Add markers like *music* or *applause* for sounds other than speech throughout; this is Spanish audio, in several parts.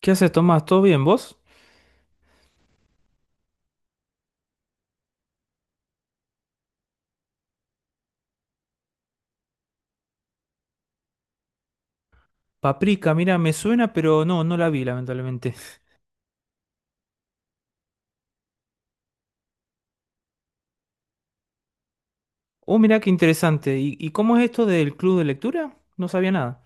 ¿Qué haces, Tomás? ¿Todo bien, vos? Paprika, mira, me suena, pero no, no la vi, lamentablemente. *laughs* Oh, mira qué interesante. ¿Y cómo es esto del club de lectura? No sabía nada.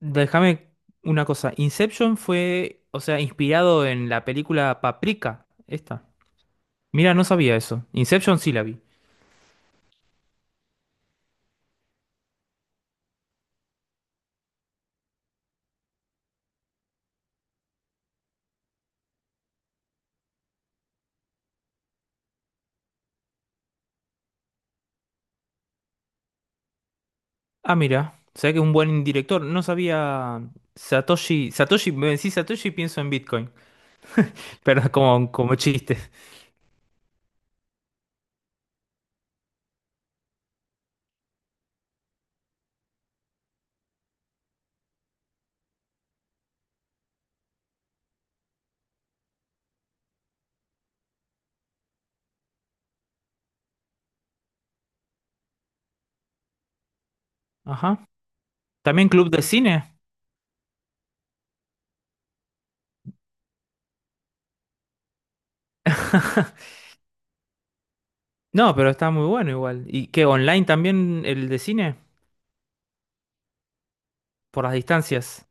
Déjame una cosa. Inception fue, o sea, inspirado en la película Paprika, esta. Mira, no sabía eso. Inception sí la vi. Ah, mira, o sea que es un buen director. No sabía Satoshi. Satoshi, me decís Satoshi, y pienso en Bitcoin. *laughs* Pero como chiste. Ajá. ¿También club de cine? *laughs* No, pero está muy bueno igual. ¿Y qué, online también el de cine? Por las distancias.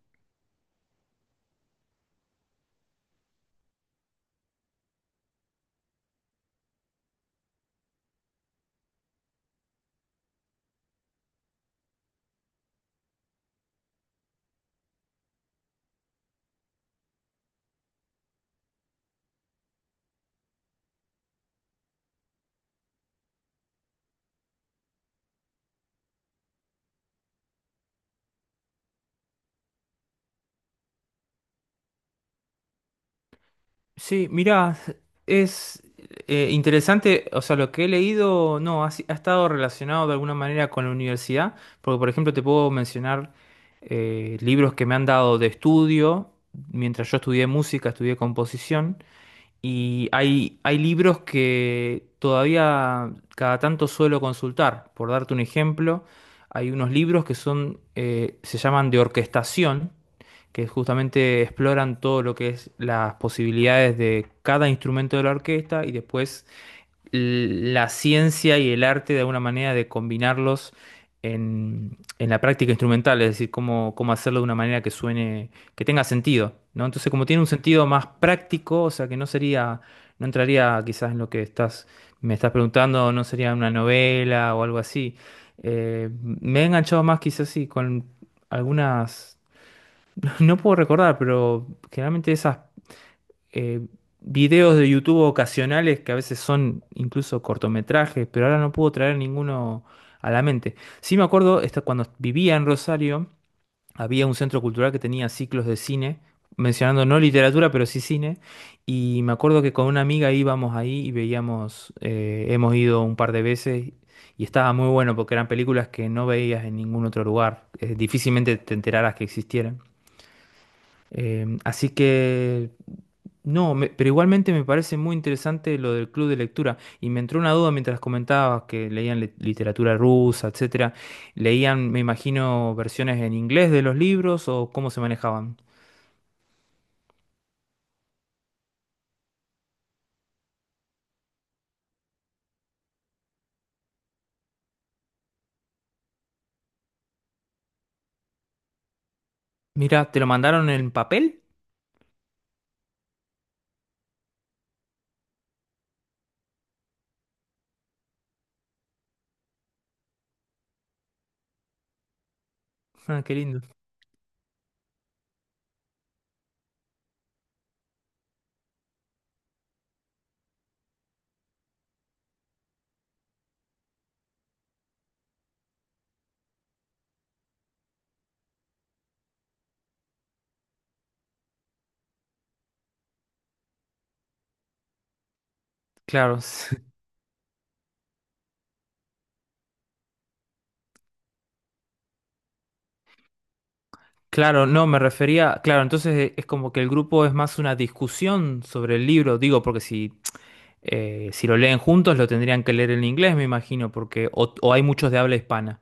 Sí, mirá, es interesante, o sea, lo que he leído, no, ha, ha estado relacionado de alguna manera con la universidad, porque por ejemplo te puedo mencionar libros que me han dado de estudio, mientras yo estudié música, estudié composición. Y hay libros que todavía cada tanto suelo consultar. Por darte un ejemplo, hay unos libros que son, se llaman de orquestación, que justamente exploran todo lo que es las posibilidades de cada instrumento de la orquesta y después la ciencia y el arte de alguna manera de combinarlos en la práctica instrumental, es decir, cómo hacerlo de una manera que suene, que tenga sentido, ¿no? Entonces, como tiene un sentido más práctico, o sea, que no sería, no entraría quizás en lo que estás, me estás preguntando, no sería una novela o algo así. Me he enganchado más quizás sí con algunas, *laughs* no puedo recordar, pero generalmente esas eh, videos de YouTube ocasionales que a veces son incluso cortometrajes, pero ahora no puedo traer ninguno a la mente. Sí me acuerdo, cuando vivía en Rosario, había un centro cultural que tenía ciclos de cine, mencionando no literatura, pero sí cine, y me acuerdo que con una amiga íbamos ahí y veíamos, hemos ido un par de veces. Y estaba muy bueno porque eran películas que no veías en ningún otro lugar. Difícilmente te enteraras que existieran. Así que, no, pero igualmente me parece muy interesante lo del club de lectura. Y me entró una duda mientras comentabas que leían literatura rusa, etcétera. ¿Leían, me imagino, versiones en inglés de los libros o cómo se manejaban? Mira, ¿te lo mandaron en papel? Ah, qué lindo. Claro, *laughs* claro, no, me refería, claro, entonces, es como que el grupo es más una discusión sobre el libro, digo, porque si, si lo leen juntos lo tendrían que leer en inglés, me imagino, porque o hay muchos de habla hispana.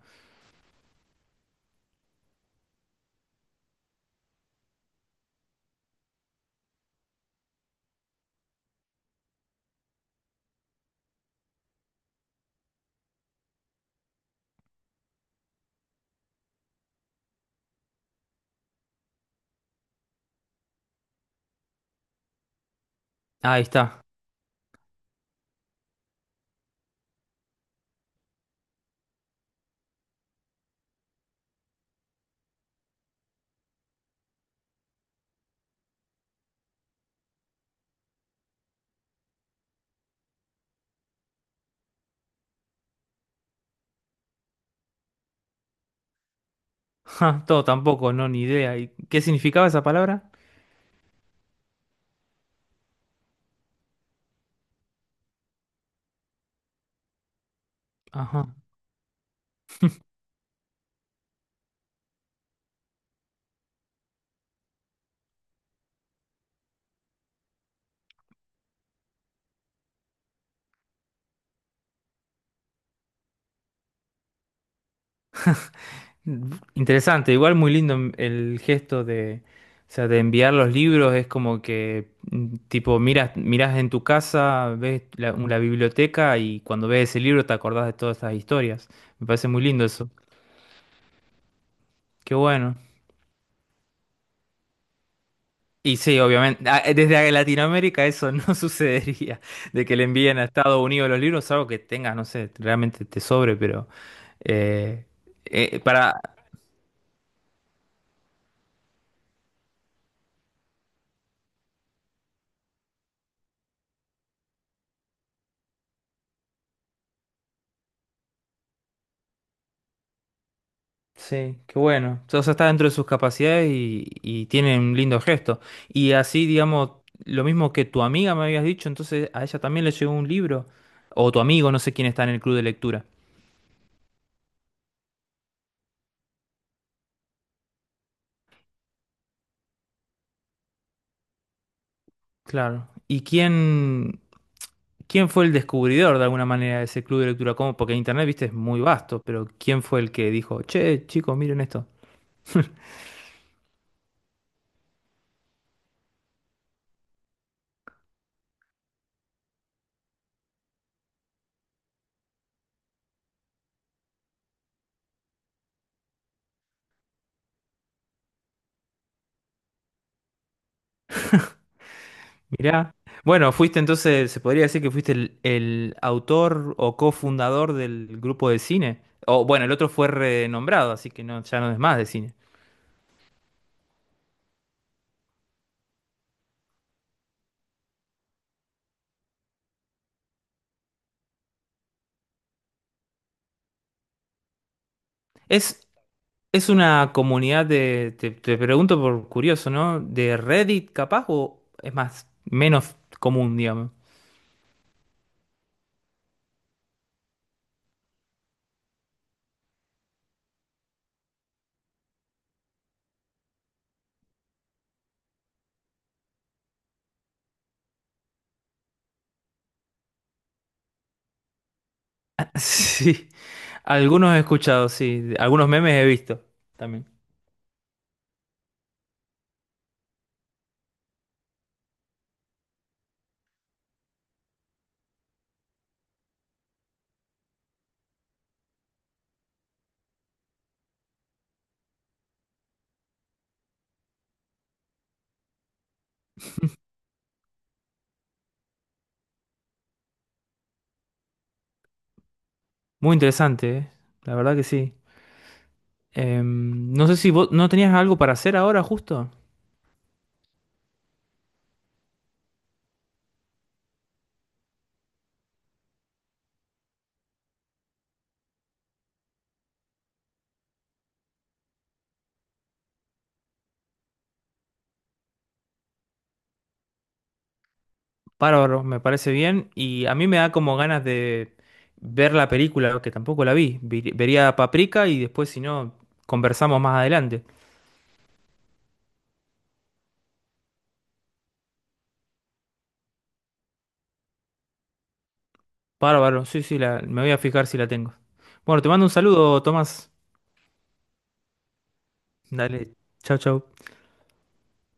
Ahí está. *laughs* Ja, todo tampoco, no, ni idea. ¿Y qué significaba esa palabra? Ajá. Interesante, igual muy lindo el gesto de, o sea, de enviar los libros, es como que mm, tipo miras en tu casa, ves la biblioteca y cuando ves ese libro te acordás de todas estas historias. Me parece muy lindo eso. Qué bueno. Y sí, obviamente, ah, desde Latinoamérica eso no *laughs* sucedería, de que le envíen a Estados Unidos los libros, algo que tengas, no sé, realmente te sobre, pero Eh, para, sí, qué bueno. O sea, está dentro de sus capacidades y tiene un lindo gesto. Y así, digamos, lo mismo que tu amiga me habías dicho, entonces a ella también le llegó un libro. O tu amigo, no sé quién está en el club de lectura. Claro. ¿Quién fue el descubridor de alguna manera de ese club de lectura? ¿Cómo? Porque Internet, viste, es muy vasto, pero ¿quién fue el que dijo, che, chicos, miren esto? *laughs* Mirá. Bueno, fuiste entonces, se podría decir que fuiste el autor o cofundador del grupo de cine. O bueno, el otro fue renombrado, así que no, ya no es más de cine. Es, es una comunidad de, te pregunto por curioso, ¿no? ¿De Reddit capaz o es más, menos común, digamos? *laughs* Sí, algunos he escuchado, sí, algunos memes he visto también. Muy interesante, ¿eh? La verdad que sí. No sé si vos no tenías algo para hacer ahora justo. Bárbaro, me parece bien. Y a mí me da como ganas de ver la película, que tampoco la vi. Vería Paprika y después, si no, conversamos más adelante. Bárbaro, sí, sí, la, me voy a fijar si la tengo. Bueno, te mando un saludo, Tomás. Dale, chau, chau.